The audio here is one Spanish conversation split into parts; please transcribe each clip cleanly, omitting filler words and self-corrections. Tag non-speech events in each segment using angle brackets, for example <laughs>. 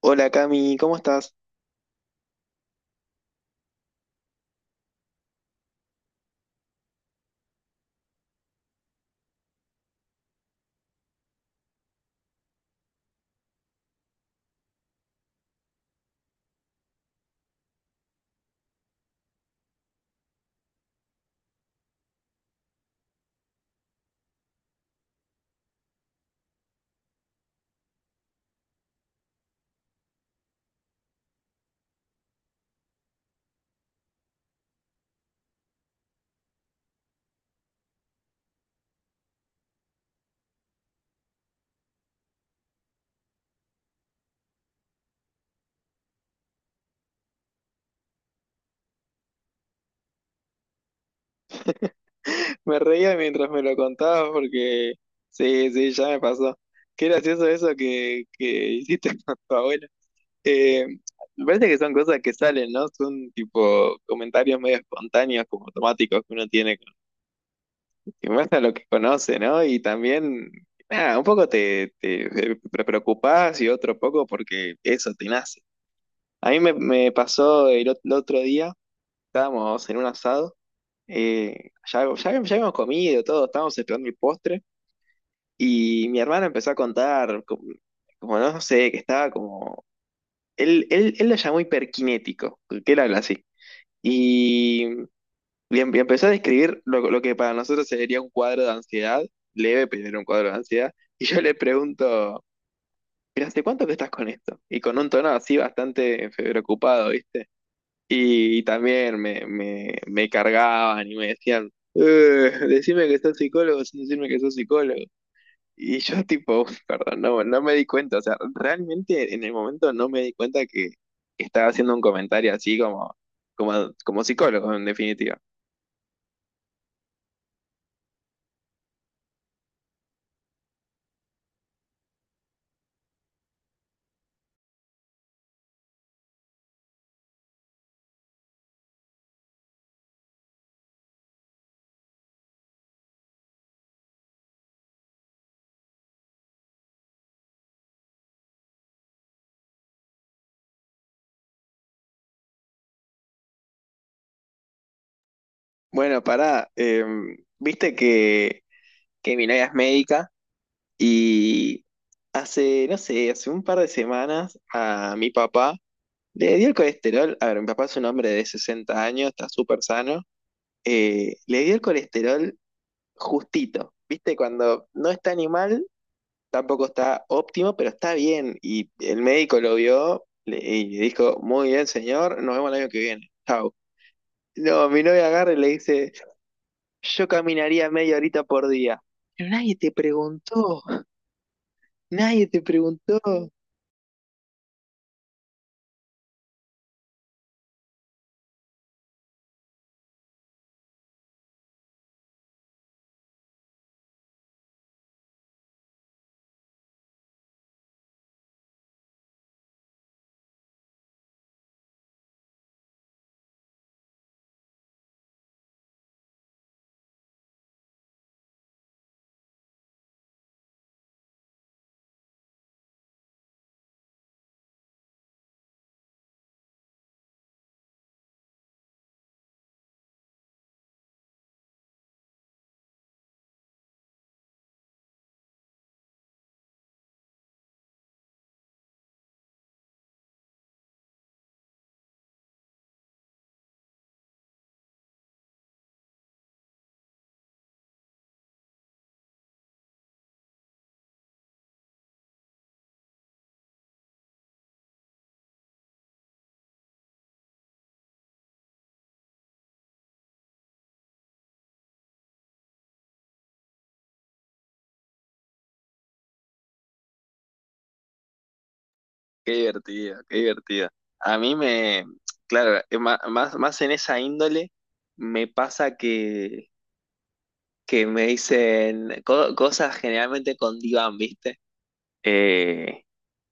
Hola Cami, ¿cómo estás? <laughs> Me reía mientras me lo contabas porque sí, sí, ya me pasó. Qué gracioso eso que hiciste <laughs> con tu abuela. Eh, Me parece que son cosas que salen, ¿no? Son tipo comentarios medio espontáneos, como automáticos que uno tiene, que muestra lo que conoce, ¿no? Y también, nada, un poco te preocupás y otro poco porque eso te nace. A mí me pasó el otro día. Estábamos en un asado, ya habíamos comido todo, estábamos esperando el postre y mi hermana empezó a contar, como, como no sé, que estaba como, él lo llamó hiperkinético, que él habla así, y y empezó a describir lo que para nosotros sería un cuadro de ansiedad, leve, pero era un cuadro de ansiedad, y yo le pregunto, ¿pero hace cuánto que estás con esto? Y con un tono así bastante preocupado, ¿viste? Y también me cargaban y me decían, decime que sos psicólogo sin decirme que sos psicólogo". Y yo tipo, <laughs> perdón, no, no me di cuenta, o sea, realmente en el momento no me di cuenta que estaba haciendo un comentario así como, como, como psicólogo, en definitiva. Bueno, pará, viste que mi novia es médica y hace, no sé, hace un par de semanas a mi papá le dio el colesterol, a ver, mi papá es un hombre de 60 años, está súper sano, le dio el colesterol justito, ¿viste? Cuando no está ni mal, tampoco está óptimo, pero está bien. Y el médico lo vio y le dijo, muy bien, señor, nos vemos el año que viene, chau. No, mi novia agarra y le dice, yo caminaría media horita por día. Pero nadie te preguntó, nadie te preguntó. Qué divertido, qué divertido. A mí me, claro, más en esa índole me pasa que me dicen cosas generalmente con diván, ¿viste? Eh,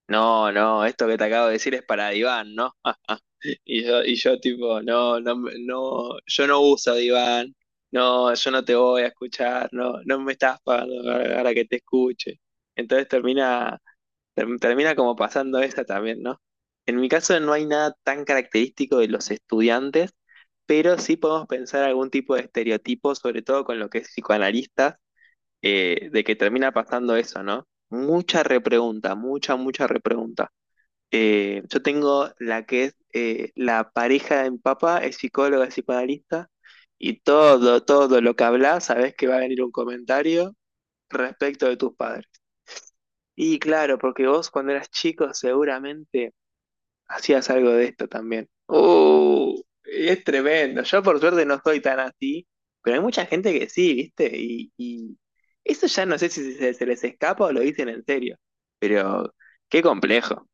no, no, esto que te acabo de decir es para diván, ¿no? <laughs> Y yo tipo, no, no, no, yo no uso diván, no, yo no te voy a escuchar, no, no me estás pagando para que te escuche. Entonces termina como pasando esa también, ¿no? En mi caso no hay nada tan característico de los estudiantes, pero sí podemos pensar algún tipo de estereotipo, sobre todo con lo que es psicoanalista, de que termina pasando eso, ¿no? Mucha repregunta, mucha repregunta. Yo tengo la que es la pareja de mi papá, es psicóloga, es psicoanalista, y todo, todo lo que hablas, sabes que va a venir un comentario respecto de tus padres. Y claro, porque vos cuando eras chico seguramente hacías algo de esto también. Es tremendo. Yo por suerte no soy tan así, pero hay mucha gente que sí, ¿viste? Y eso ya no sé si se les escapa o lo dicen en serio, pero qué complejo.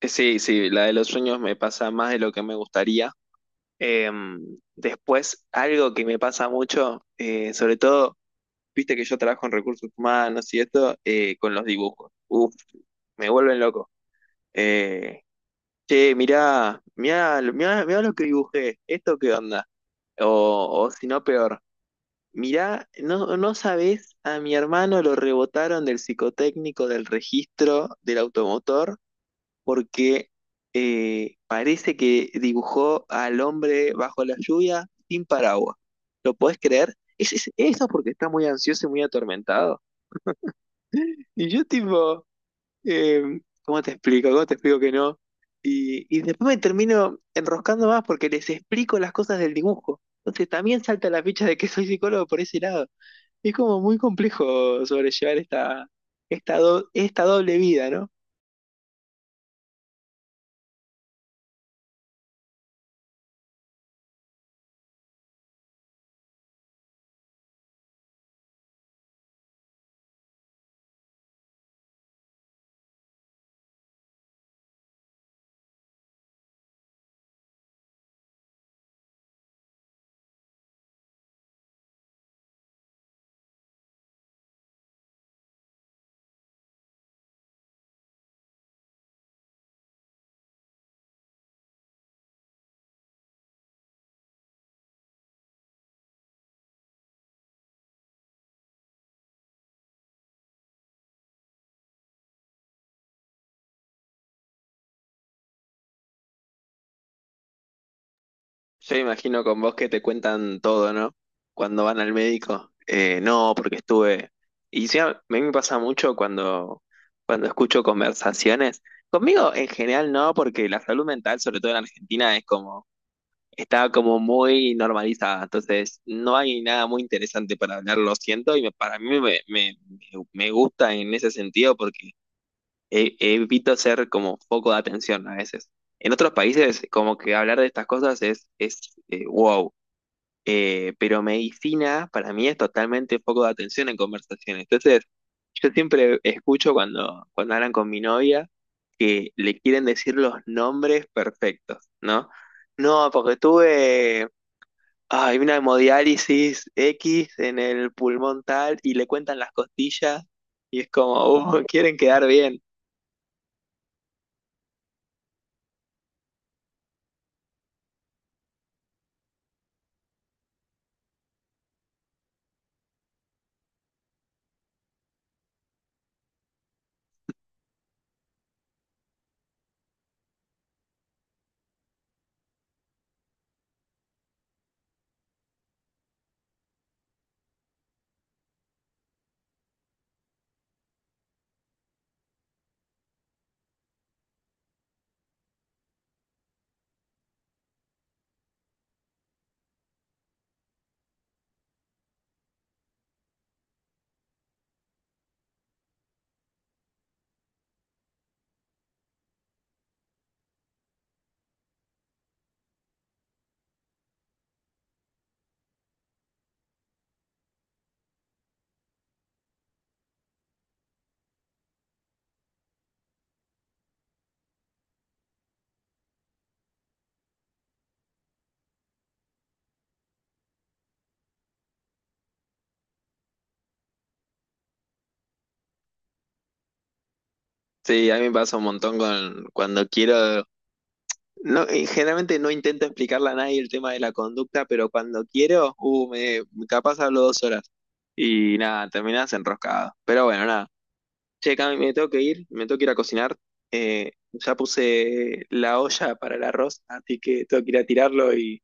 Sí, sí, la de los sueños me pasa más de lo que me gustaría. Em, Después, algo que me pasa mucho, sobre todo, viste que yo trabajo en recursos humanos y esto, con los dibujos. Uf, me vuelven loco. Eh, Che, mirá, mirá lo que dibujé, ¿esto qué onda? O, o si no, peor, mirá, no, no sabés, a mi hermano lo rebotaron del psicotécnico del registro del automotor porque parece que dibujó al hombre bajo la lluvia sin paraguas. ¿Lo podés creer? Es, eso porque está muy ansioso y muy atormentado. Y yo tipo... Eh, ¿cómo te explico? ¿Cómo te explico que no? Y después me termino enroscando más porque les explico las cosas del dibujo. Entonces también salta la ficha de que soy psicólogo por ese lado. Es como muy complejo sobrellevar esta, esta doble vida, ¿no? Yo me imagino con vos que te cuentan todo, ¿no? Cuando van al médico, no, porque estuve... Y sí, a mí me pasa mucho cuando escucho conversaciones. Conmigo en general no, porque la salud mental, sobre todo en Argentina, es como estaba como muy normalizada, entonces no hay nada muy interesante para hablar, lo siento, y para mí me gusta en ese sentido porque evito ser como foco de atención a veces. En otros países, como que hablar de estas cosas es wow. Pero medicina para mí es totalmente foco de atención en conversaciones. Entonces, yo siempre escucho cuando hablan con mi novia que le quieren decir los nombres perfectos, ¿no? No, porque tuve hay una hemodiálisis X en el pulmón tal y le cuentan las costillas y es como, quieren quedar bien. Sí, a mí me pasa un montón con cuando quiero. No, y generalmente no intento explicarle a nadie el tema de la conducta, pero cuando quiero, me, capaz hablo 2 horas. Y nada, terminás enroscado. Pero bueno, nada. Che, Cami, me tengo que ir, me tengo que ir a cocinar. Ya puse la olla para el arroz, así que tengo que ir a tirarlo y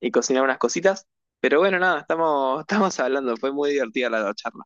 cocinar unas cositas. Pero bueno, nada, estamos, <laughs> estamos hablando, fue muy divertida la charla.